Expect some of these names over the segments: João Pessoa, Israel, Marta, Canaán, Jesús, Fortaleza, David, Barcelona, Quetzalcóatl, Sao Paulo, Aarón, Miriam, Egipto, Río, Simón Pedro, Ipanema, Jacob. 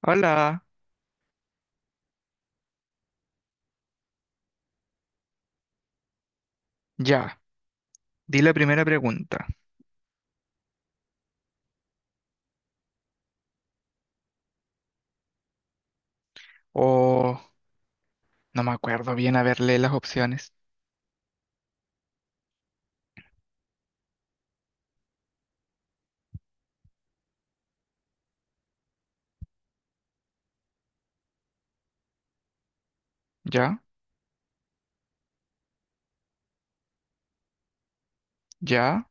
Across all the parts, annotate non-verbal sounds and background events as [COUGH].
Hola, ya, di la primera pregunta. O no me acuerdo bien haberle las opciones. Ya, ya,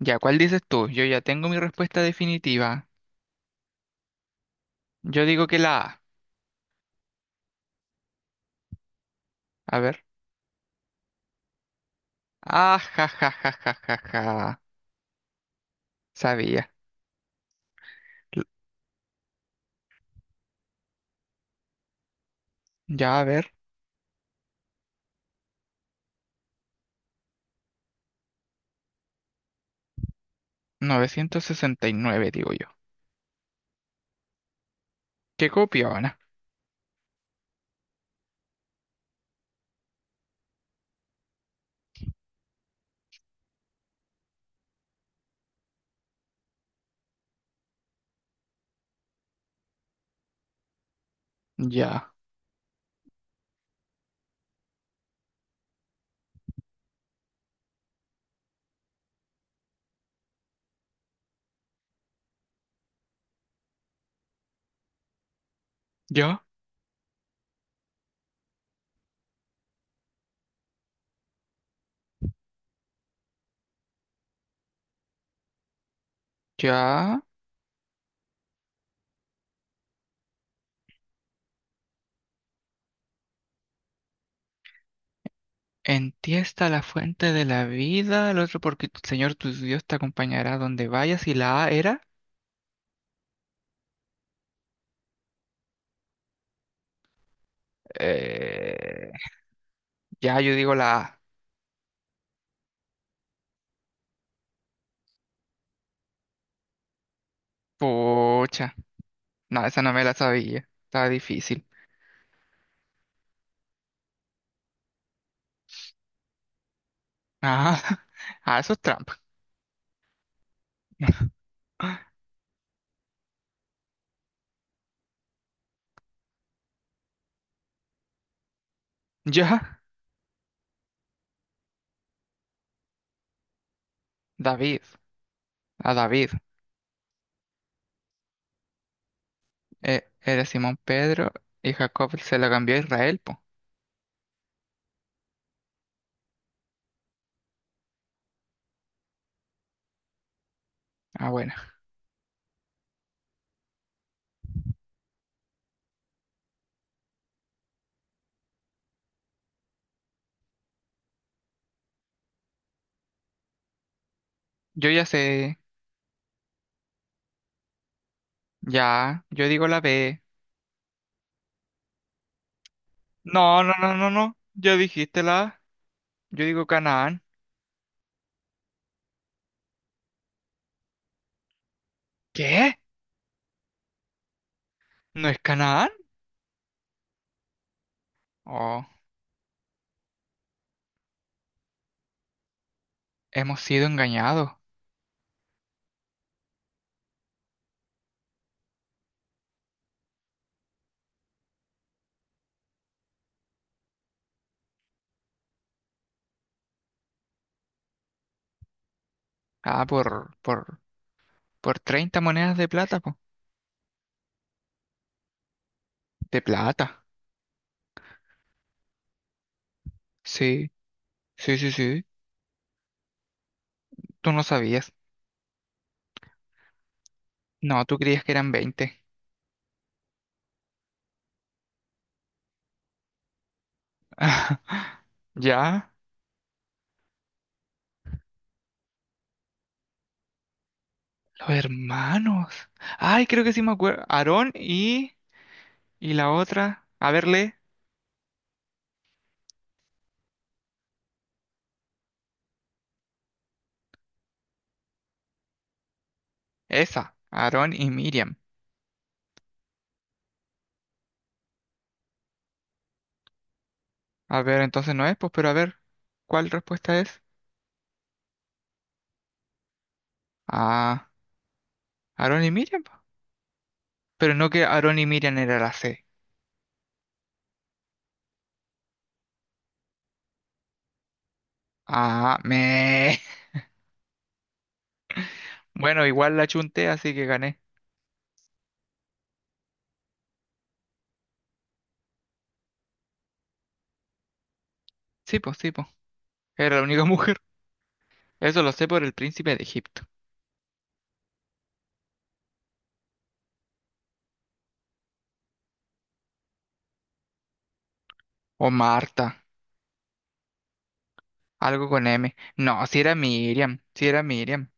ya, ¿cuál dices tú? Yo ya tengo mi respuesta definitiva. Yo digo que la A. A ver. Ah, ja, ja, ja, ja, ja, ja. Sabía. L- Ya, a ver. 969 digo yo. ¿Qué copiona? Ya, ya, ya. En ti está la fuente de la vida, el otro porque tu Señor tu Dios te acompañará donde vayas y la A era... Eh, Ya, yo digo la A. Pucha. No, esa no me la sabía. Estaba difícil. Ah, [LAUGHS] ah, eso es trampa. [LAUGHS] Ya, David. A David. Era Simón Pedro y Jacob se la cambió a Israel, po. Ah, bueno. Yo ya sé. Ya, yo digo la B. No, no, no, no, no. Ya dijiste la A. Yo digo Canaán. ¿Qué? ¿No es Canaán? Oh, hemos sido engañados. Ah, por 30 monedas de plata, po. De plata. Sí. Sí, sí, sí, tú no sabías. No, tú creías que eran 20. [LAUGHS] ¿Ya? Los hermanos. Ay, creo que sí me acuerdo. Aarón y la otra. A verle. Esa. Aarón y Miriam. A ver, entonces no es, pues, pero a ver, ¿cuál respuesta es? Ah, Aarón y Miriam. Po. Pero no que Aarón y Miriam era la C. Ah, me. [LAUGHS] Bueno, igual la chunté, así que gané. Sí, pues, sí, pues. Era la única [LAUGHS] mujer. Eso lo sé por el príncipe de Egipto. O Marta. Algo con M. No, si era Miriam, si era Miriam.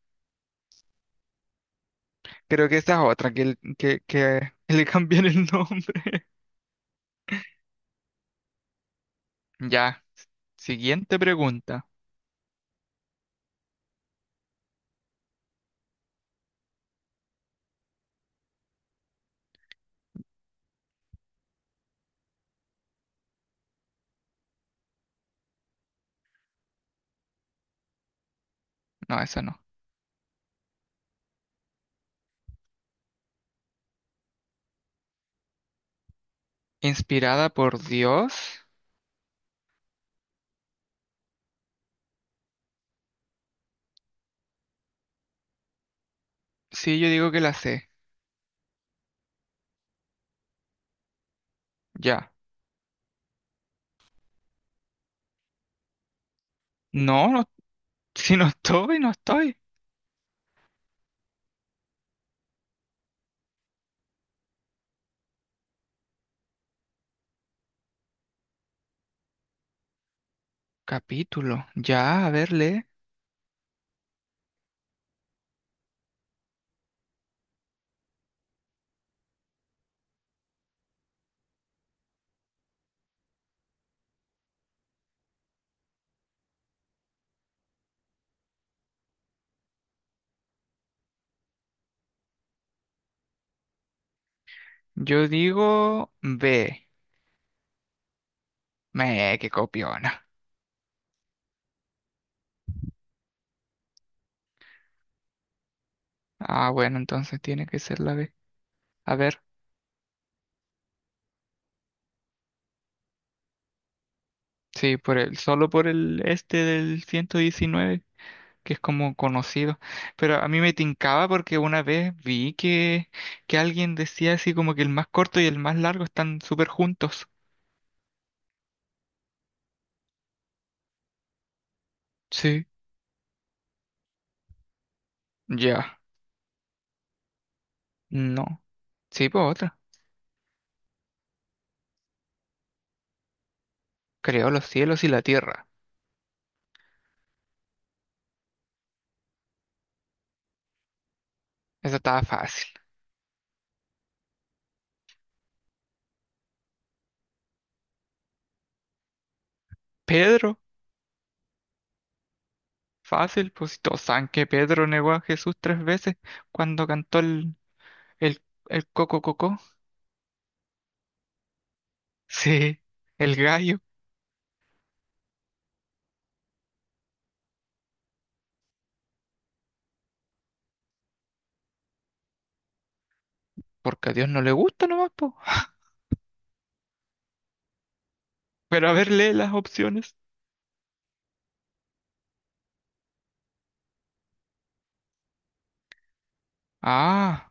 Creo que esta es otra, que [LAUGHS] le cambian el nombre. [LAUGHS] Ya, siguiente pregunta. No, esa no. ¿Inspirada por Dios? Sí, yo digo que la sé. Ya. No, no, [LAUGHS] si no estoy, no estoy. Capítulo. Ya, a ver, lee. Yo digo B. Me, que copiona. Ah, bueno, entonces tiene que ser la B. A ver, sí, solo por el este del 119, que es como conocido, pero a mí me tincaba porque una vez vi que alguien decía así como que el más corto y el más largo están súper juntos. Sí, ya, no. Sí, pues otra. Creó los cielos y la tierra. Eso estaba fácil. Pedro, fácil, pues si todos saben que Pedro negó a Jesús 3 veces cuando cantó el, el coco coco. [LAUGHS] Sí, el gallo, porque a Dios no le gusta nomás, po. Pero a ver, lee las opciones. Ah,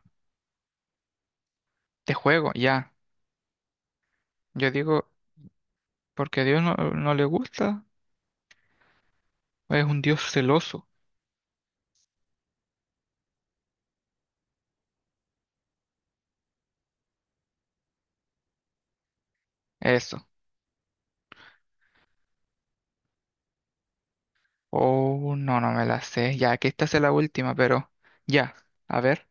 de juego, ya. Yo digo porque a Dios no le gusta. Es un Dios celoso. Eso. Oh, no, no me la sé. Ya, que esta es la última, pero ya. A ver.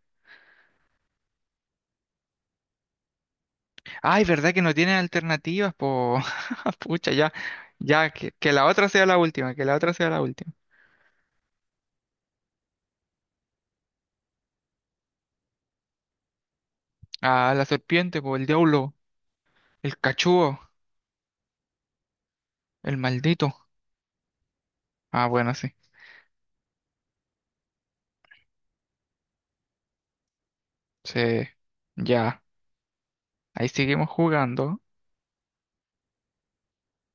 Ay, ¿verdad que no tiene alternativas? Po... [LAUGHS] Pucha, ya. Ya, que la otra sea la última, que la otra sea la última. Ah, la serpiente, po, el diablo, el cachudo, el maldito. Ah, bueno, sí. Sí. Ya. Ahí seguimos jugando.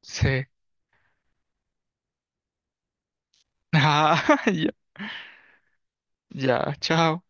Sí. [LAUGHS] Ah, ya. Ya, chao.